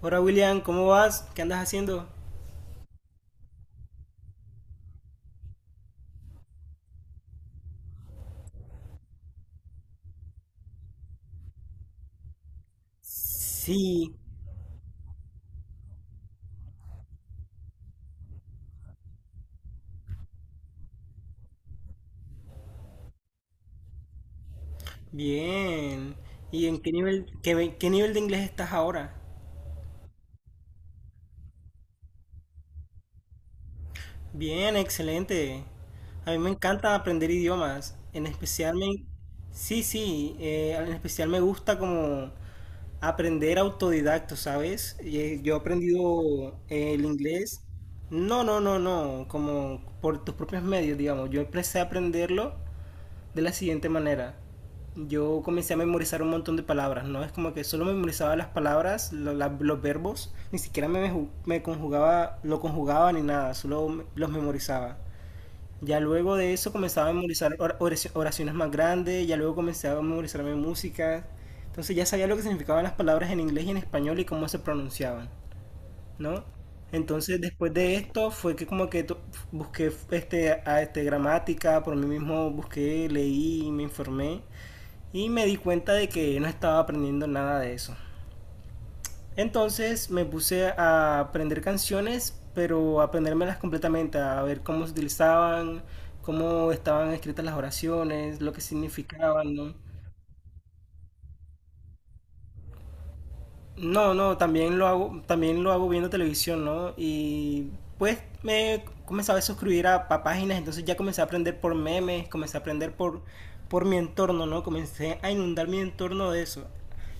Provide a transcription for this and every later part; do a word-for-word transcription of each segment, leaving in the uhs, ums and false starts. Hola William, ¿cómo vas? ¿Qué andas haciendo? Sí, bien. ¿Y en qué nivel, qué, ve- qué nivel de inglés estás ahora? Bien, excelente. A mí me encanta aprender idiomas. En especial me... Sí, sí, eh, en especial me gusta como aprender autodidacto, ¿sabes? Y, eh, yo he aprendido eh, el inglés. No, no, no, no, como por tus propios medios, digamos. Yo empecé a aprenderlo de la siguiente manera. Yo comencé a memorizar un montón de palabras, ¿no? Es como que solo memorizaba las palabras, lo- la- los verbos, ni siquiera me, me conjugaba, lo conjugaba ni nada, solo los memorizaba. Ya luego de eso comenzaba a memorizar or- oraci- oraciones más grandes, ya luego comencé a memorizarme música. Entonces ya sabía lo que significaban las palabras en inglés y en español y cómo se pronunciaban, ¿no? Entonces, después de esto, fue que como que to- busqué este, a este, gramática, por mí mismo busqué, leí, me informé y me di cuenta de que no estaba aprendiendo nada de eso. Entonces me puse a aprender canciones, pero a aprendérmelas completamente, a ver cómo se utilizaban, cómo estaban escritas las oraciones, lo que significaban, ¿no? No, no, también lo hago, también lo hago viendo televisión, ¿no? Y pues me comenzaba a suscribir a pa- páginas, entonces ya comencé a aprender por memes, comencé a aprender por, por mi entorno, ¿no? Comencé a inundar mi entorno de eso.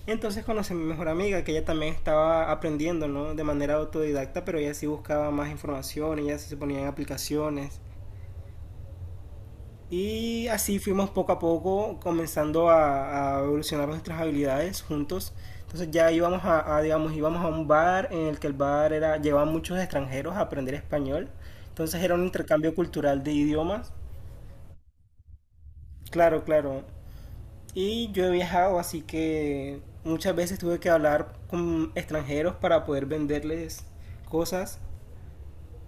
Entonces conocí a mi mejor amiga, que ella también estaba aprendiendo, ¿no? De manera autodidacta, pero ella sí buscaba más información, ella sí se ponía en aplicaciones, y así fuimos poco a poco comenzando a, a evolucionar nuestras habilidades juntos. Entonces ya íbamos a, a, digamos, íbamos a un bar en el que el bar era, llevaban muchos extranjeros a aprender español. Entonces era un intercambio cultural de idiomas. Claro, claro. Y yo he viajado, así que muchas veces tuve que hablar con extranjeros para poder venderles cosas.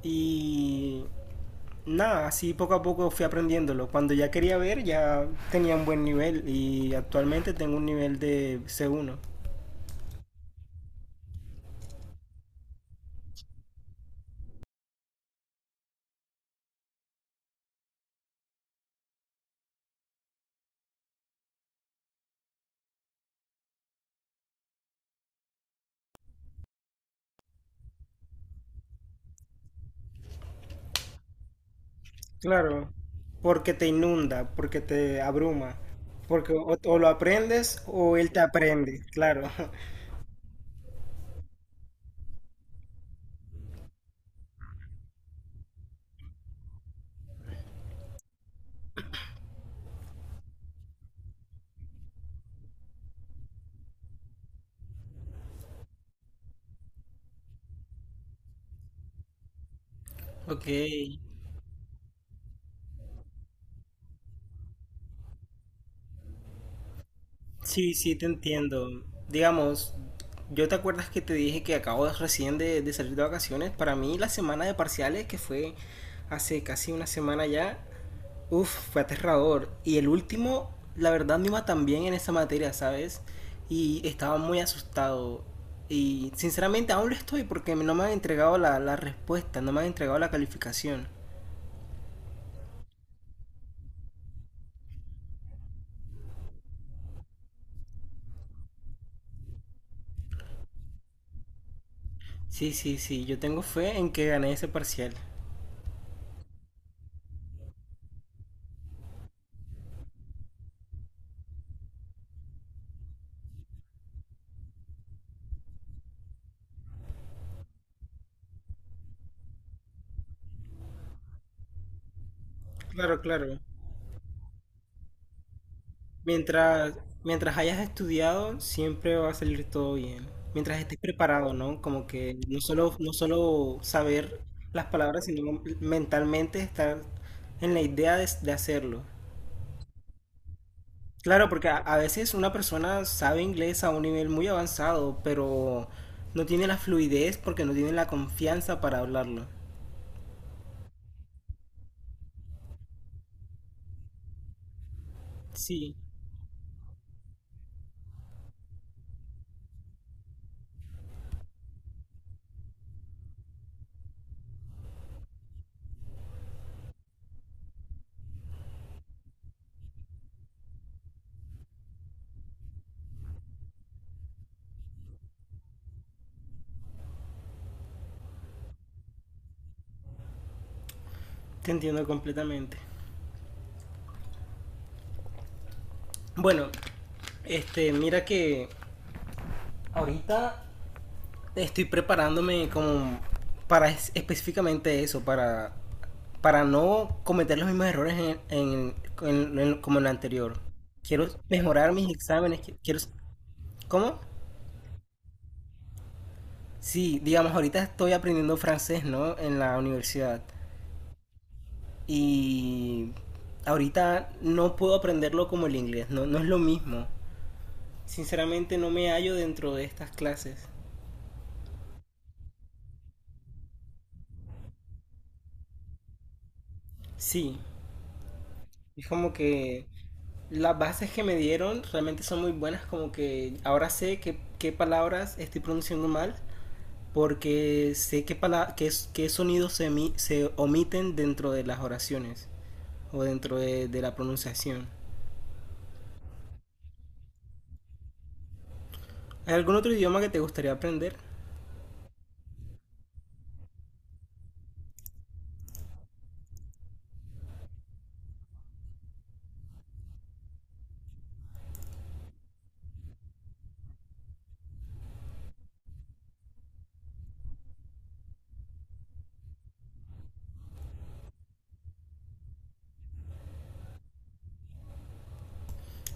Y nada, así poco a poco fui aprendiéndolo. Cuando ya quería ver, ya tenía un buen nivel y actualmente tengo un nivel de C uno. Claro, porque te inunda, porque te abruma, porque o, o lo aprendes o él te aprende, claro. Ok, sí, sí, te entiendo. Digamos, yo te acuerdas que te dije que acabo de- recién de, de salir de vacaciones. Para mí la semana de parciales, que fue hace casi una semana ya, uf, fue aterrador. Y el último, la verdad, me iba tan bien en esa materia, ¿sabes? Y estaba muy asustado. Y sinceramente aún lo estoy porque no me han entregado la, la respuesta, no me han entregado la calificación. Sí, sí, sí, yo tengo fe en que gané ese parcial. Claro, claro. Mientras, mientras hayas estudiado, siempre va a salir todo bien. Mientras estés preparado, ¿no? Como que no solo, no solo saber las palabras, sino mentalmente estar en la idea de, de hacerlo. Claro, porque a, a veces una persona sabe inglés a un nivel muy avanzado, pero no tiene la fluidez porque no tiene la confianza para hablarlo. Sí, te entiendo completamente. Bueno, este, mira que ahorita estoy preparándome como para es- específicamente eso, para, para no cometer los mismos errores en, en- en- en- como en el anterior. Quiero mejorar mis exámenes, qui- quiero... ¿Cómo? Sí, digamos, ahorita estoy aprendiendo francés, ¿no? En la universidad. Y ahorita no puedo aprenderlo como el inglés, no, no es lo mismo. Sinceramente no me hallo dentro de estas clases. Sí, es como que las bases que me dieron realmente son muy buenas, como que ahora sé qué, qué palabras estoy pronunciando mal, porque sé qué, pala- qué, qué sonidos se, emi- se omiten dentro de las oraciones o dentro de, de la pronunciación. ¿Hay algún otro idioma que te gustaría aprender?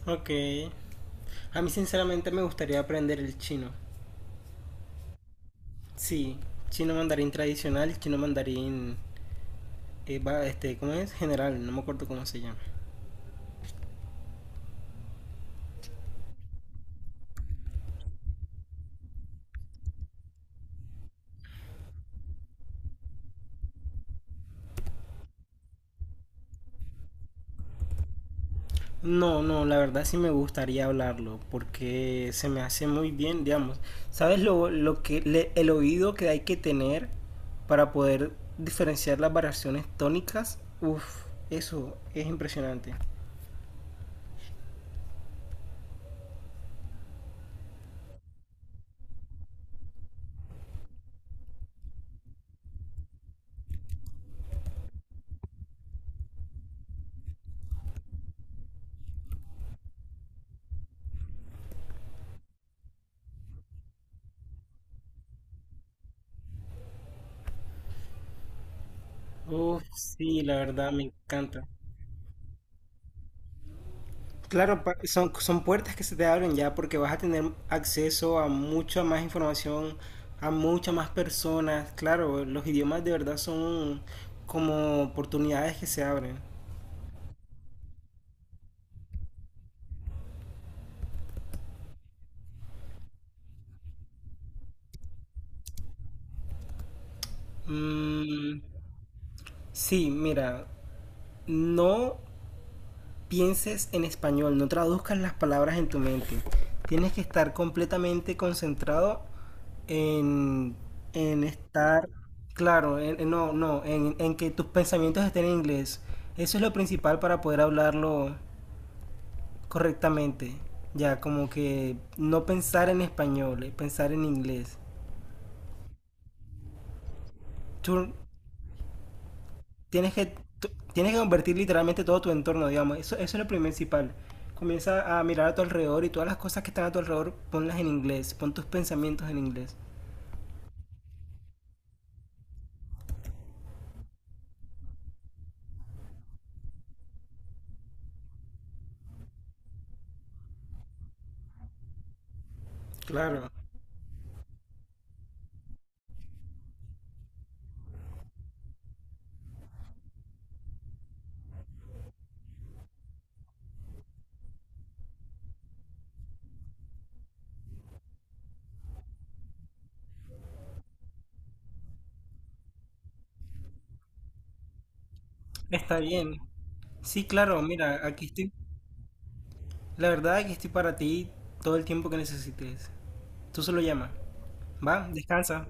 Ok. A mí sinceramente me gustaría aprender el chino. Sí, chino mandarín tradicional, chino mandarín, eh, va- este, ¿cómo es? General, no me acuerdo cómo se llama. No, no, la verdad sí me gustaría hablarlo porque se me hace muy bien, digamos. ¿Sabes lo, lo que le- el oído que hay que tener para poder diferenciar las variaciones tónicas? Uf, eso es impresionante. Uf, sí, la verdad me encanta. Claro, pa- son, son puertas que se te abren ya porque vas a tener acceso a mucha más información, a muchas más personas. Claro, los idiomas de verdad son como oportunidades que se abren. Mm, sí, mira, no pienses en español, no traduzcas las palabras en tu mente. Tienes que estar completamente concentrado en, en estar, claro, en- en- no, no, en, en que tus pensamientos estén en inglés. Eso es lo principal para poder hablarlo correctamente. Ya, como que no pensar en español, eh, pensar en inglés. Turn, tienes que, tú- tienes que convertir literalmente todo tu entorno, digamos. Eso, eso es lo principal. Comienza a mirar a tu alrededor y todas las cosas que están a tu alrededor, ponlas en inglés. Pon tus pensamientos en inglés. Claro. Está bien. Sí, claro, mira, aquí estoy. La verdad, aquí estoy para ti todo el tiempo que necesites. Tú solo llama. Va, descansa.